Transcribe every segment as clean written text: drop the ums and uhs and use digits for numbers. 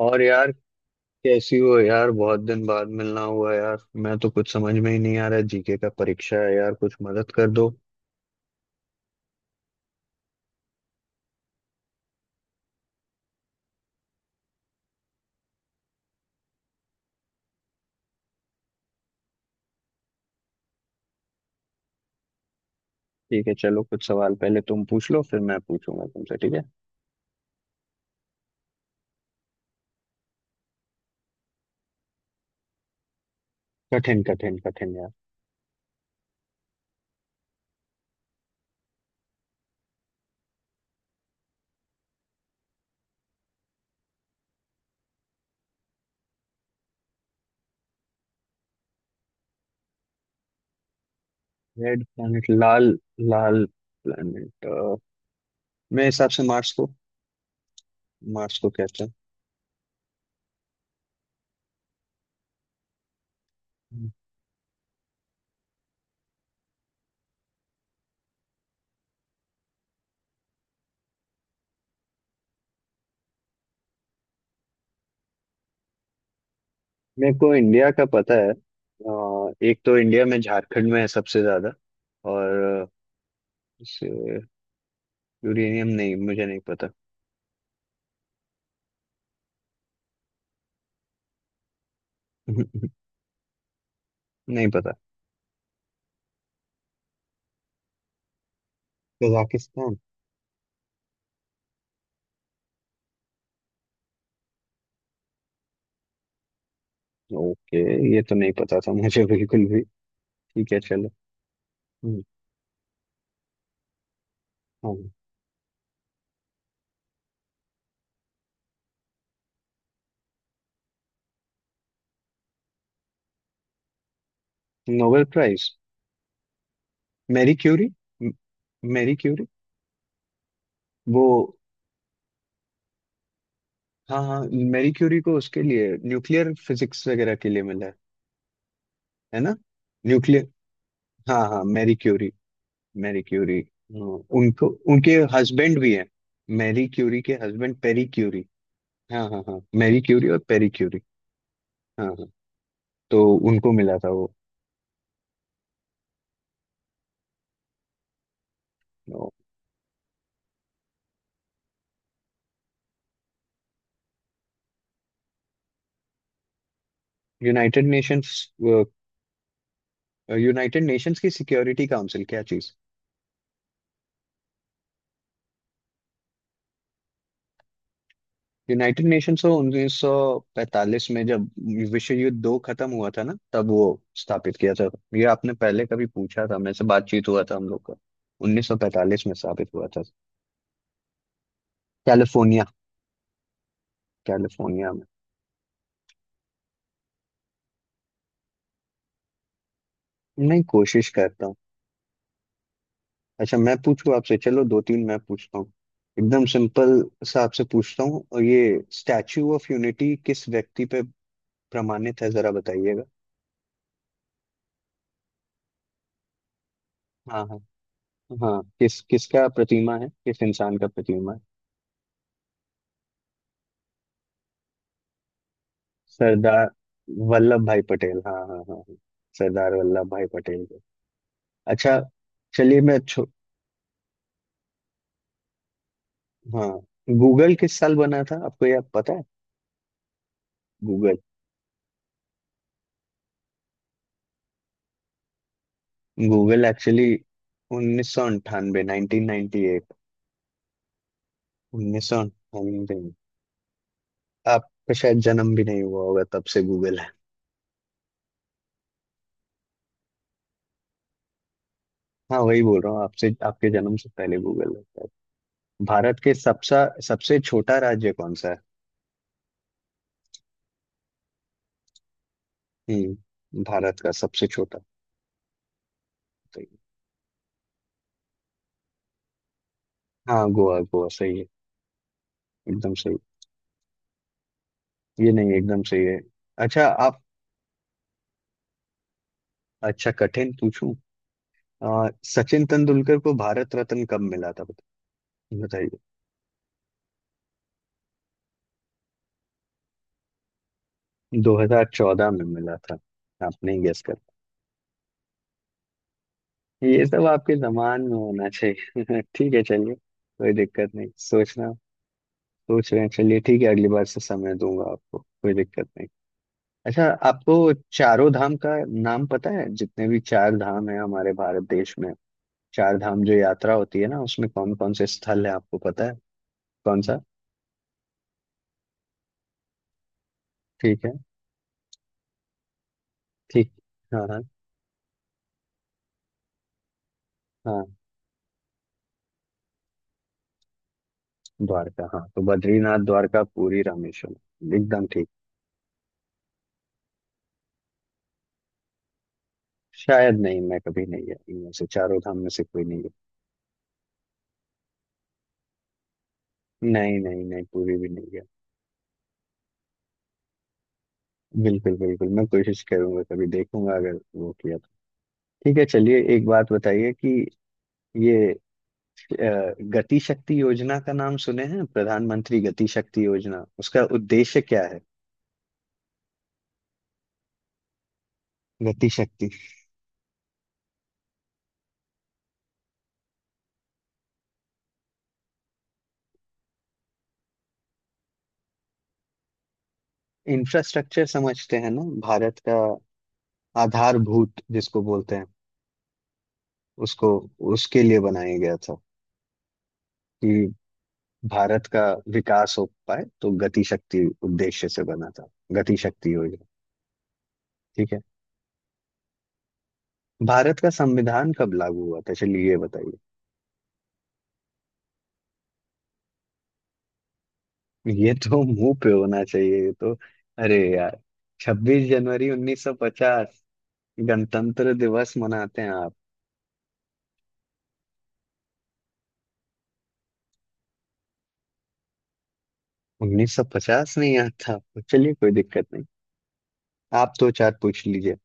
और यार, कैसी हो यार? बहुत दिन बाद मिलना हुआ यार। मैं तो कुछ समझ में ही नहीं आ रहा, जीके का परीक्षा है यार, कुछ मदद कर दो। ठीक है, चलो, कुछ सवाल पहले तुम पूछ लो, फिर मैं पूछूंगा तुमसे, ठीक है। कठिन कठिन कठिन यार। रेड प्लैनेट, लाल लाल प्लैनेट, मेरे हिसाब से मार्स को। मार्स को कहते हैं। हम्म। मेरे को इंडिया का पता है। एक तो इंडिया में झारखंड में है सबसे ज्यादा। और इसे यूरेनियम, नहीं मुझे नहीं पता। नहीं पता। कजाकिस्तान। ओके, ये तो नहीं पता था मुझे बिल्कुल भी। ठीक है चलो। हम्म, हाँ। Nobel prize. Marie Curie. म- मैरी क्यूरी। वो, हाँ हाँ, मैरी क्यूरी को उसके लिए न्यूक्लियर फिजिक्स वगैरह के लिए मिला है ना? न्यूक्लियर। हाँ हाँ, मैरी क्यूरी, मैरी क्यूरी, हाँ। उनको, उनके हस्बैंड भी है। मैरी क्यूरी के हस्बैंड पेरी क्यूरी। हाँ हाँ हाँ, मैरी क्यूरी और पेरी क्यूरी। हाँ हाँ, तो उनको मिला था वो। United Nations. यूनाइटेड नेशंस की सिक्योरिटी काउंसिल, क्या चीज। यूनाइटेड नेशंस को 1945 में, जब विश्व युद्ध दो खत्म हुआ था ना, तब वो स्थापित किया था। ये आपने पहले कभी पूछा था मेरे से, बातचीत हुआ था हम लोग का। 1945 में स्थापित हुआ था। कैलिफोर्निया। कैलिफोर्निया में। नहीं, कोशिश करता हूँ। अच्छा, मैं पूछूं आपसे? चलो, दो तीन मैं पूछता हूँ। एकदम सिंपल सा आपसे पूछता हूँ। और ये स्टैचू ऑफ यूनिटी किस व्यक्ति पे प्रमाणित है, जरा बताइएगा। हाँ हाँ हाँ, किस, किसका प्रतिमा है, किस इंसान का प्रतिमा है? सरदार वल्लभ भाई पटेल। हाँ हाँ हाँ हाँ, सरदार वल्लभ भाई पटेल के। अच्छा, चलिए मैं छो। हाँ। गूगल किस साल बना था, आपको यह पता है? गूगल। Google actually 1998, 1998। 1998 में। आपका शायद जन्म भी नहीं हुआ होगा, तब से गूगल है। हाँ, वही बोल रहा हूँ आपसे, आपके जन्म से पहले गूगल है। भारत के सबसे सबसे छोटा राज्य कौन सा है? हम्म, भारत का सबसे छोटा। सही है। हाँ गोवा, गोवा, सही है, एकदम सही। ये नहीं, एकदम सही है। अच्छा आप अच्छा कठिन पूछूं? सचिन तेंदुलकर को भारत रत्न कब मिला था, बताइए। 2014 में मिला था। आपने गेस कर। ये सब आपके जमान में होना चाहिए। ठीक है चलिए, कोई दिक्कत नहीं, सोचना। सोच रहे हैं, चलिए ठीक है। अगली बार से समय दूंगा आपको, कोई दिक्कत नहीं। अच्छा, आपको चारों धाम का नाम पता है? जितने भी चार धाम है हमारे भारत देश में, चार धाम जो यात्रा होती है ना, उसमें कौन कौन से स्थल है, आपको पता है कौन सा? ठीक है, ठीक। हाँ हाँ हाँ। द्वारका, हाँ, तो बद्रीनाथ, द्वारका, पुरी, रामेश्वरम, एकदम ठीक। शायद नहीं, मैं कभी नहीं गया, इनमें से चारों धाम में से कोई नहीं। गया नहीं, नहीं नहीं, पुरी भी नहीं गया। बिल्कुल बिल्कुल, मैं कोशिश करूंगा, कभी देखूंगा, अगर वो किया तो। ठीक है, चलिए एक बात बताइए कि ये गति शक्ति योजना का नाम सुने हैं, प्रधानमंत्री गति शक्ति योजना, उसका उद्देश्य क्या है? गति शक्ति, इंफ्रास्ट्रक्चर समझते हैं ना, भारत का आधारभूत जिसको बोलते हैं, उसको, उसके लिए बनाया गया था कि भारत का विकास हो पाए, तो गति शक्ति उद्देश्य से बना था गति शक्ति योजना। ठीक है। भारत का संविधान कब लागू हुआ था, चलिए ये बताइए। ये तो मुंह पे होना चाहिए ये तो। अरे यार, 26 जनवरी 1950, गणतंत्र दिवस मनाते हैं आप। 1950 नहीं याद था आपको, चलिए कोई दिक्कत नहीं। आप दो चार पूछ लीजिए।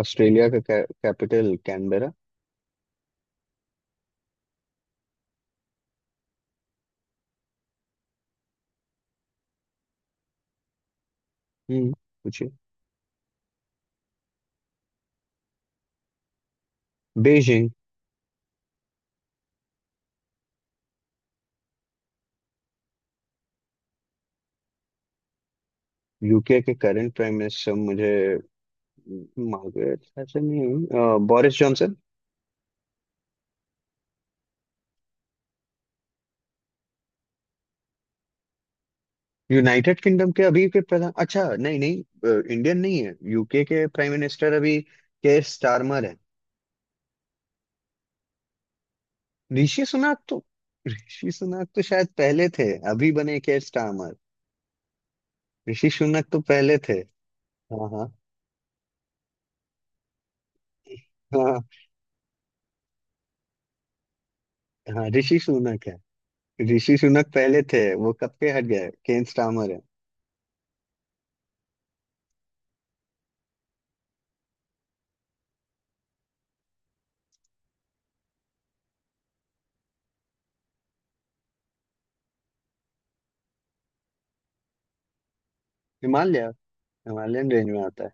ऑस्ट्रेलिया का कैपिटल कैनबेरा। हम्म, पूछिए। बीजिंग। यूके के करंट प्राइम मिनिस्टर, मुझे मार्गरेट, ऐसे नहीं, बोरिस जॉनसन। यूनाइटेड किंगडम के अभी के प्रधान, अच्छा नहीं नहीं, इंडियन नहीं है यूके के प्राइम मिनिस्टर अभी, केयर स्टारमर है। ऋषि सुनक तो, ऋषि सुनक तो शायद पहले थे, अभी बने केयर स्टारमर। ऋषि सुनक तो पहले थे। हाँ हाँ हाँ हाँ, ऋषि सुनक है। ऋषि सुनक पहले थे, वो कब के हट गए, केन स्टार्मर है। हिमालय, हिमालयन रेंज में आता है।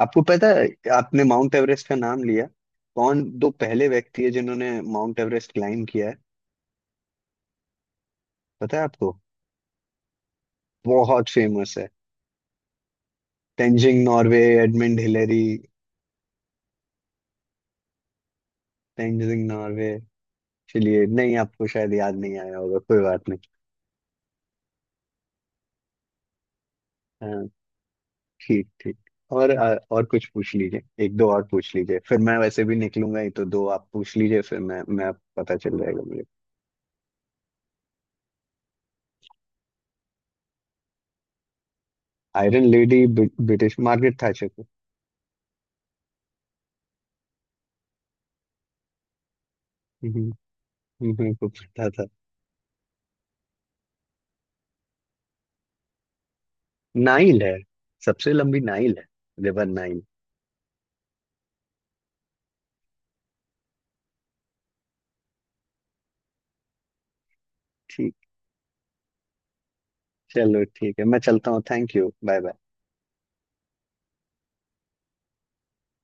आपको पता है, आपने माउंट एवरेस्ट का नाम लिया, कौन दो पहले व्यक्ति है जिन्होंने माउंट एवरेस्ट क्लाइम किया है, पता है आपको? बहुत फेमस है, तेंजिंग नॉर्वे, एडमंड हिलेरी। तेंजिंग नॉर्वे। चलिए नहीं, आपको शायद याद नहीं आया होगा, कोई बात नहीं। हाँ ठीक ठीक। और और कुछ पूछ लीजिए, एक दो और पूछ लीजिए, फिर मैं वैसे भी निकलूंगा ही, तो दो आप पूछ लीजिए, फिर मैं पता चल जाएगा मुझे। Iron lady British, Margaret Thatcher को। मेरे को पता था। नाइल है, सबसे लंबी नाइल है, रिवर नाइल। ठीक, चलो ठीक है, मैं चलता हूँ, थैंक यू, बाय बाय।